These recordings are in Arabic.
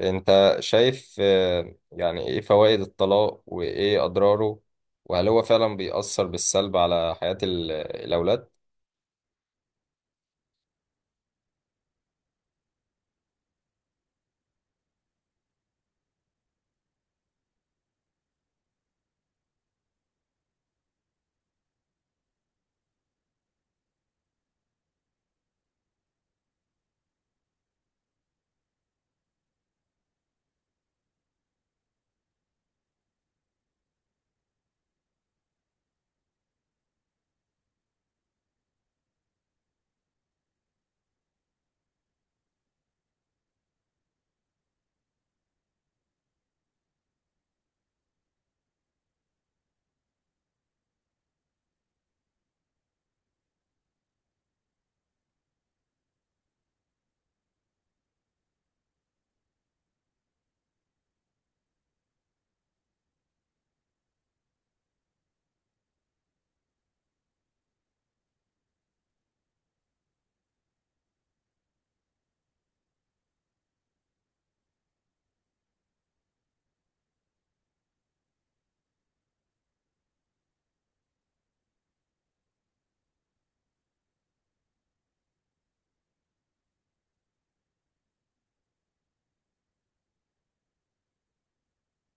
انت شايف يعني ايه فوائد الطلاق وايه اضراره؟ وهل هو فعلا بيأثر بالسلب على حياة الاولاد؟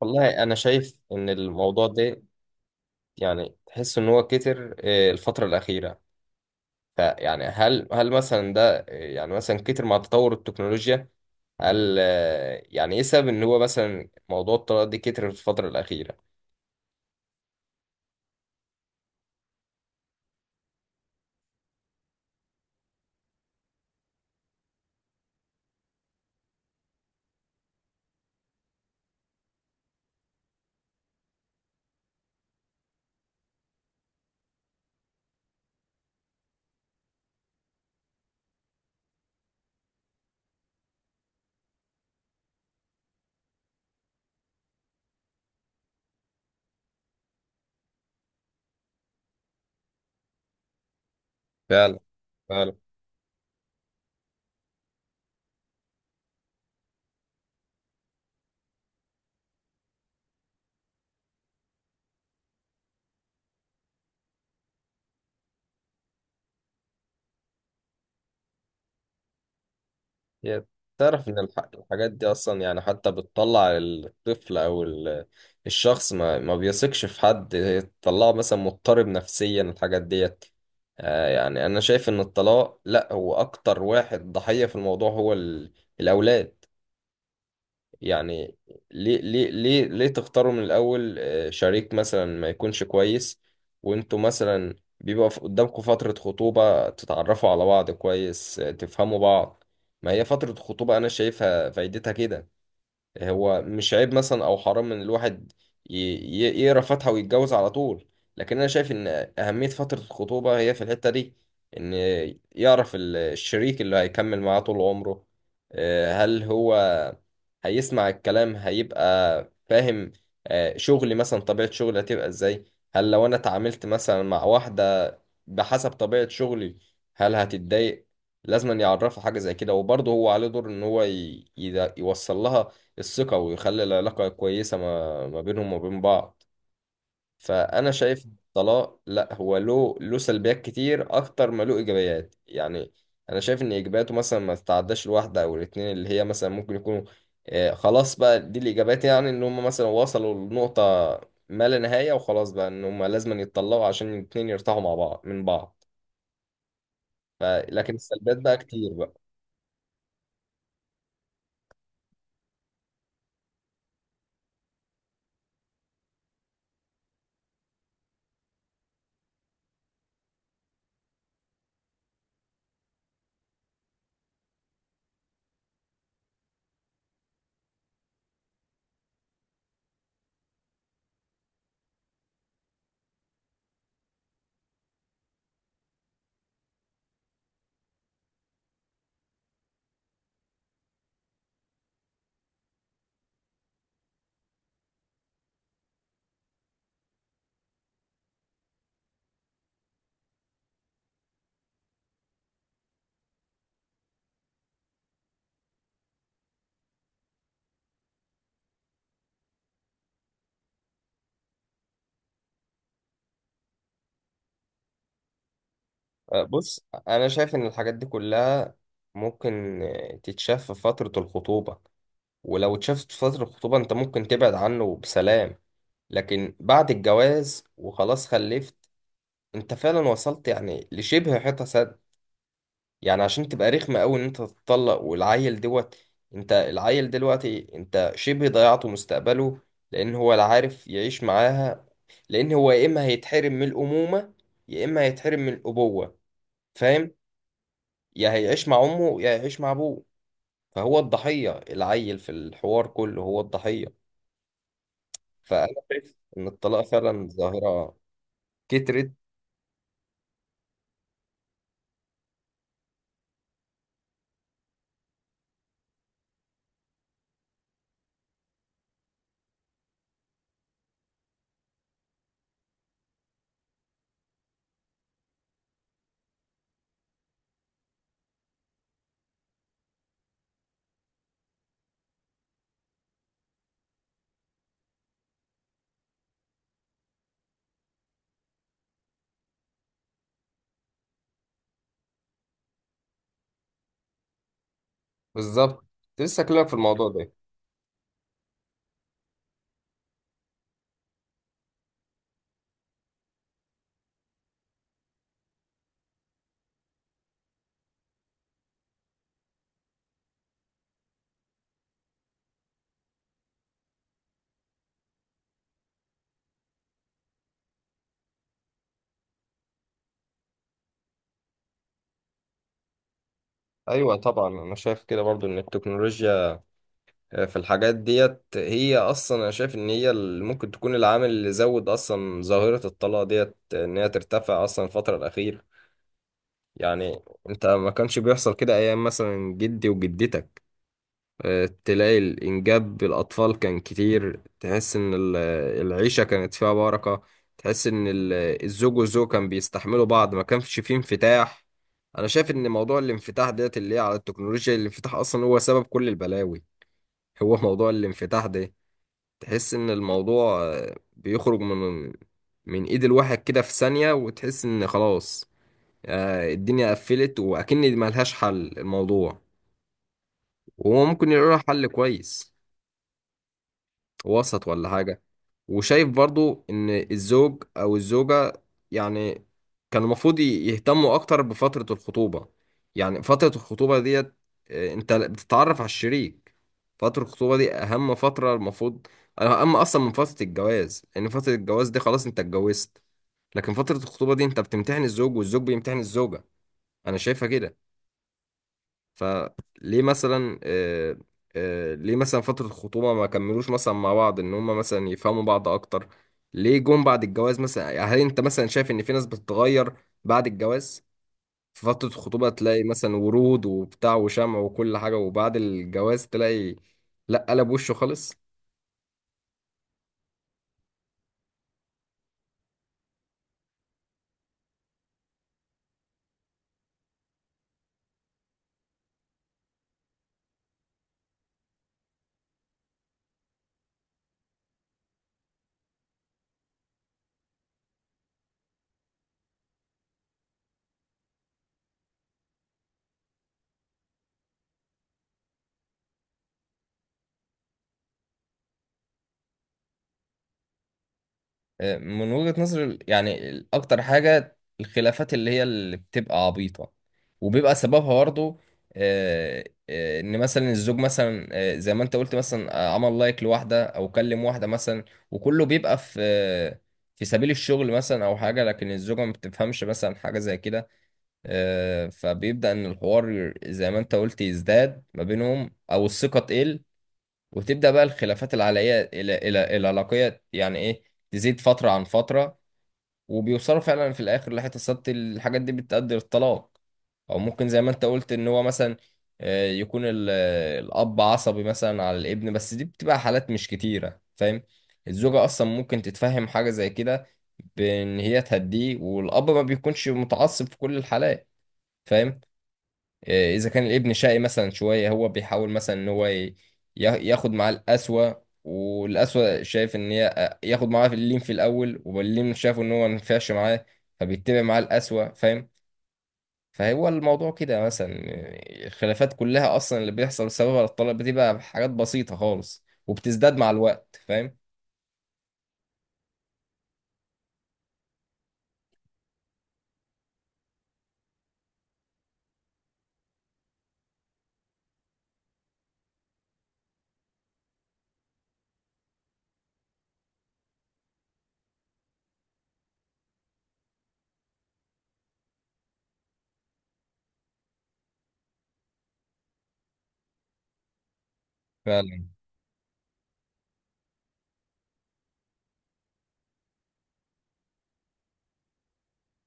والله انا شايف ان الموضوع ده يعني تحس ان هو كتر، الفترة الأخيرة. فيعني هل مثلا ده، يعني مثلا كتر مع تطور التكنولوجيا؟ هل، يعني ايه سبب ان هو مثلا موضوع الطلاق ده كتر في الفترة الأخيرة؟ فعلا. فعلا. هي تعرف إن الحاجات دي أصلا يعني حتى بتطلع الطفل أو الشخص ما بيثقش في حد، هي تطلعه مثلا مضطرب نفسيا الحاجات ديت. آه يعني أنا شايف إن الطلاق لأ، هو أكتر واحد ضحية في الموضوع هو الأولاد. يعني ليه تختاروا من الأول، شريك مثلا ما يكونش كويس؟ وانتوا مثلا بيبقى قدامكم فترة خطوبة تتعرفوا على بعض كويس، تفهموا بعض. ما هي فترة خطوبة أنا شايفها فايدتها كده. هو مش عيب مثلا او حرام ان الواحد يقرا فاتحه ويتجوز على طول، لكن انا شايف ان اهميه فتره الخطوبه هي في الحته دي، ان يعرف الشريك اللي هيكمل معاه طول عمره، هل هو هيسمع الكلام، هيبقى فاهم؟ شغلي مثلا، طبيعه شغلي هتبقى ازاي؟ هل لو انا اتعاملت مثلا مع واحده بحسب طبيعه شغلي هل هتتضايق؟ لازم أن يعرفها حاجه زي كده، وبرضه هو عليه دور ان هو يوصل لها الثقة ويخلي العلاقة كويسة ما بينهم وبين بعض. فأنا شايف الطلاق لا، هو له سلبيات كتير أكتر ما له إيجابيات. يعني أنا شايف إن إيجابياته مثلا ما تتعداش الواحدة أو الاتنين، اللي هي مثلا ممكن يكونوا، خلاص بقى دي الإيجابيات، يعني إن هم مثلا وصلوا لنقطة ما لا نهاية، وخلاص بقى إن هم لازم يتطلقوا عشان الاتنين يرتاحوا مع بعض من بعض. ف- لكن السلبيات بقى كتير بقى. بص، أنا شايف إن الحاجات دي كلها ممكن، تتشاف في فترة الخطوبة، ولو اتشافت في فترة الخطوبة انت ممكن تبعد عنه بسلام. لكن بعد الجواز وخلاص خلفت، انت فعلا وصلت يعني لشبه حيطة سد. يعني عشان تبقى رخمة قوي ان انت تتطلق والعيل دوت، انت العيل دلوقتي انت شبه ضيعته مستقبله، لان هو لا عارف يعيش معاها، لان هو يا اما هيتحرم من الامومة يا اما هيتحرم من الابوة، فاهم؟ يا هيعيش مع امه يا هيعيش مع ابوه. فهو الضحية، العيل في الحوار كله هو الضحية. فانا شايف ان الطلاق فعلا ظاهره كترت. بالظبط، كنت لسه اكلمك في الموضوع ده. ايوه طبعا، انا شايف كده برضو، ان التكنولوجيا في الحاجات ديت هي اصلا، انا شايف ان هي اللي ممكن تكون العامل اللي زود اصلا ظاهره الطلاق ديت، ان هي ترتفع اصلا الفتره الاخيره. يعني انت ما كانش بيحصل كده ايام مثلا جدي وجدتك، تلاقي الإنجاب بالأطفال كان كتير، تحس إن العيشة كانت فيها بركة. تحس إن الزوج والزوج كان بيستحملوا بعض، ما كانش فيه انفتاح. أنا شايف إن موضوع الانفتاح ديت اللي هي على التكنولوجيا، الانفتاح أصلا هو سبب كل البلاوي. هو موضوع الانفتاح ده، تحس إن الموضوع، بيخرج من من إيد الواحد كده في ثانية، وتحس إن خلاص، الدنيا قفلت وأكن ملهاش حل الموضوع، وهو ممكن يلاقي له حل كويس وسط ولا حاجة. وشايف برضو ان الزوج او الزوجة يعني كان المفروض يهتموا اكتر بفترة الخطوبة. يعني فترة الخطوبة ديت، انت بتتعرف على الشريك. فترة الخطوبة دي اهم فترة المفروض، اهم اصلا من فترة الجواز، لان فترة الجواز دي خلاص انت اتجوزت، لكن فترة الخطوبة دي انت بتمتحن الزوج والزوج بيمتحن الزوجة، انا شايفها كده. فليه مثلا، ليه مثلا فترة الخطوبة ما كملوش مثلا مع بعض ان هما مثلا يفهموا بعض اكتر؟ ليه جم بعد الجواز مثلا؟ يعني هل انت مثلا شايف ان في ناس بتتغير بعد الجواز؟ في فترة الخطوبة تلاقي مثلا ورود وبتاع وشمع وكل حاجة، وبعد الجواز تلاقي لا، قلب وشه خالص. من وجهة نظري يعني اكتر حاجة الخلافات اللي هي اللي بتبقى عبيطة، وبيبقى سببها برضه، آه، ان مثلا الزوج مثلا، زي ما انت قلت مثلا، عمل لايك لواحدة او كلم واحدة مثلا، وكله بيبقى في، في سبيل الشغل مثلا او حاجة، لكن الزوجة ما بتفهمش مثلا حاجة زي كده. فبيبدأ ان الحوار زي ما انت قلت يزداد ما بينهم او الثقة تقل، وتبدأ بقى الخلافات العلاقية الى العلاقية يعني ايه تزيد فترة عن فترة، وبيوصلوا فعلا في الاخر لحته السبت، الحاجات دي بتؤدي للطلاق. او ممكن زي ما انت قلت ان هو مثلا، يكون الاب عصبي مثلا على الابن، بس دي بتبقى حالات مش كتيره، فاهم؟ الزوجه اصلا ممكن تتفهم حاجه زي كده، بان هي تهديه، والاب ما بيكونش متعصب في كل الحالات، فاهم؟ اذا كان الابن شقي مثلا شويه هو بيحاول مثلا ان هو ياخد معاه القسوه، والقسوه شايف ان هي، ياخد معاه في اللين في الاول واللين شافه ان هو ما ينفعش معاه، فبيتبع معاه القسوه، فاهم؟ فهو الموضوع كده مثلا، الخلافات كلها اصلا اللي بيحصل بسببها الطلاق بتبقى حاجات بسيطه خالص وبتزداد مع الوقت، فاهم؟ فعلا.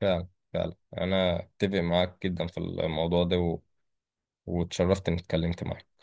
فعلا. فعلا انا اتفق معاك جدا في الموضوع ده و... واتشرفت اني اتكلمت معاك.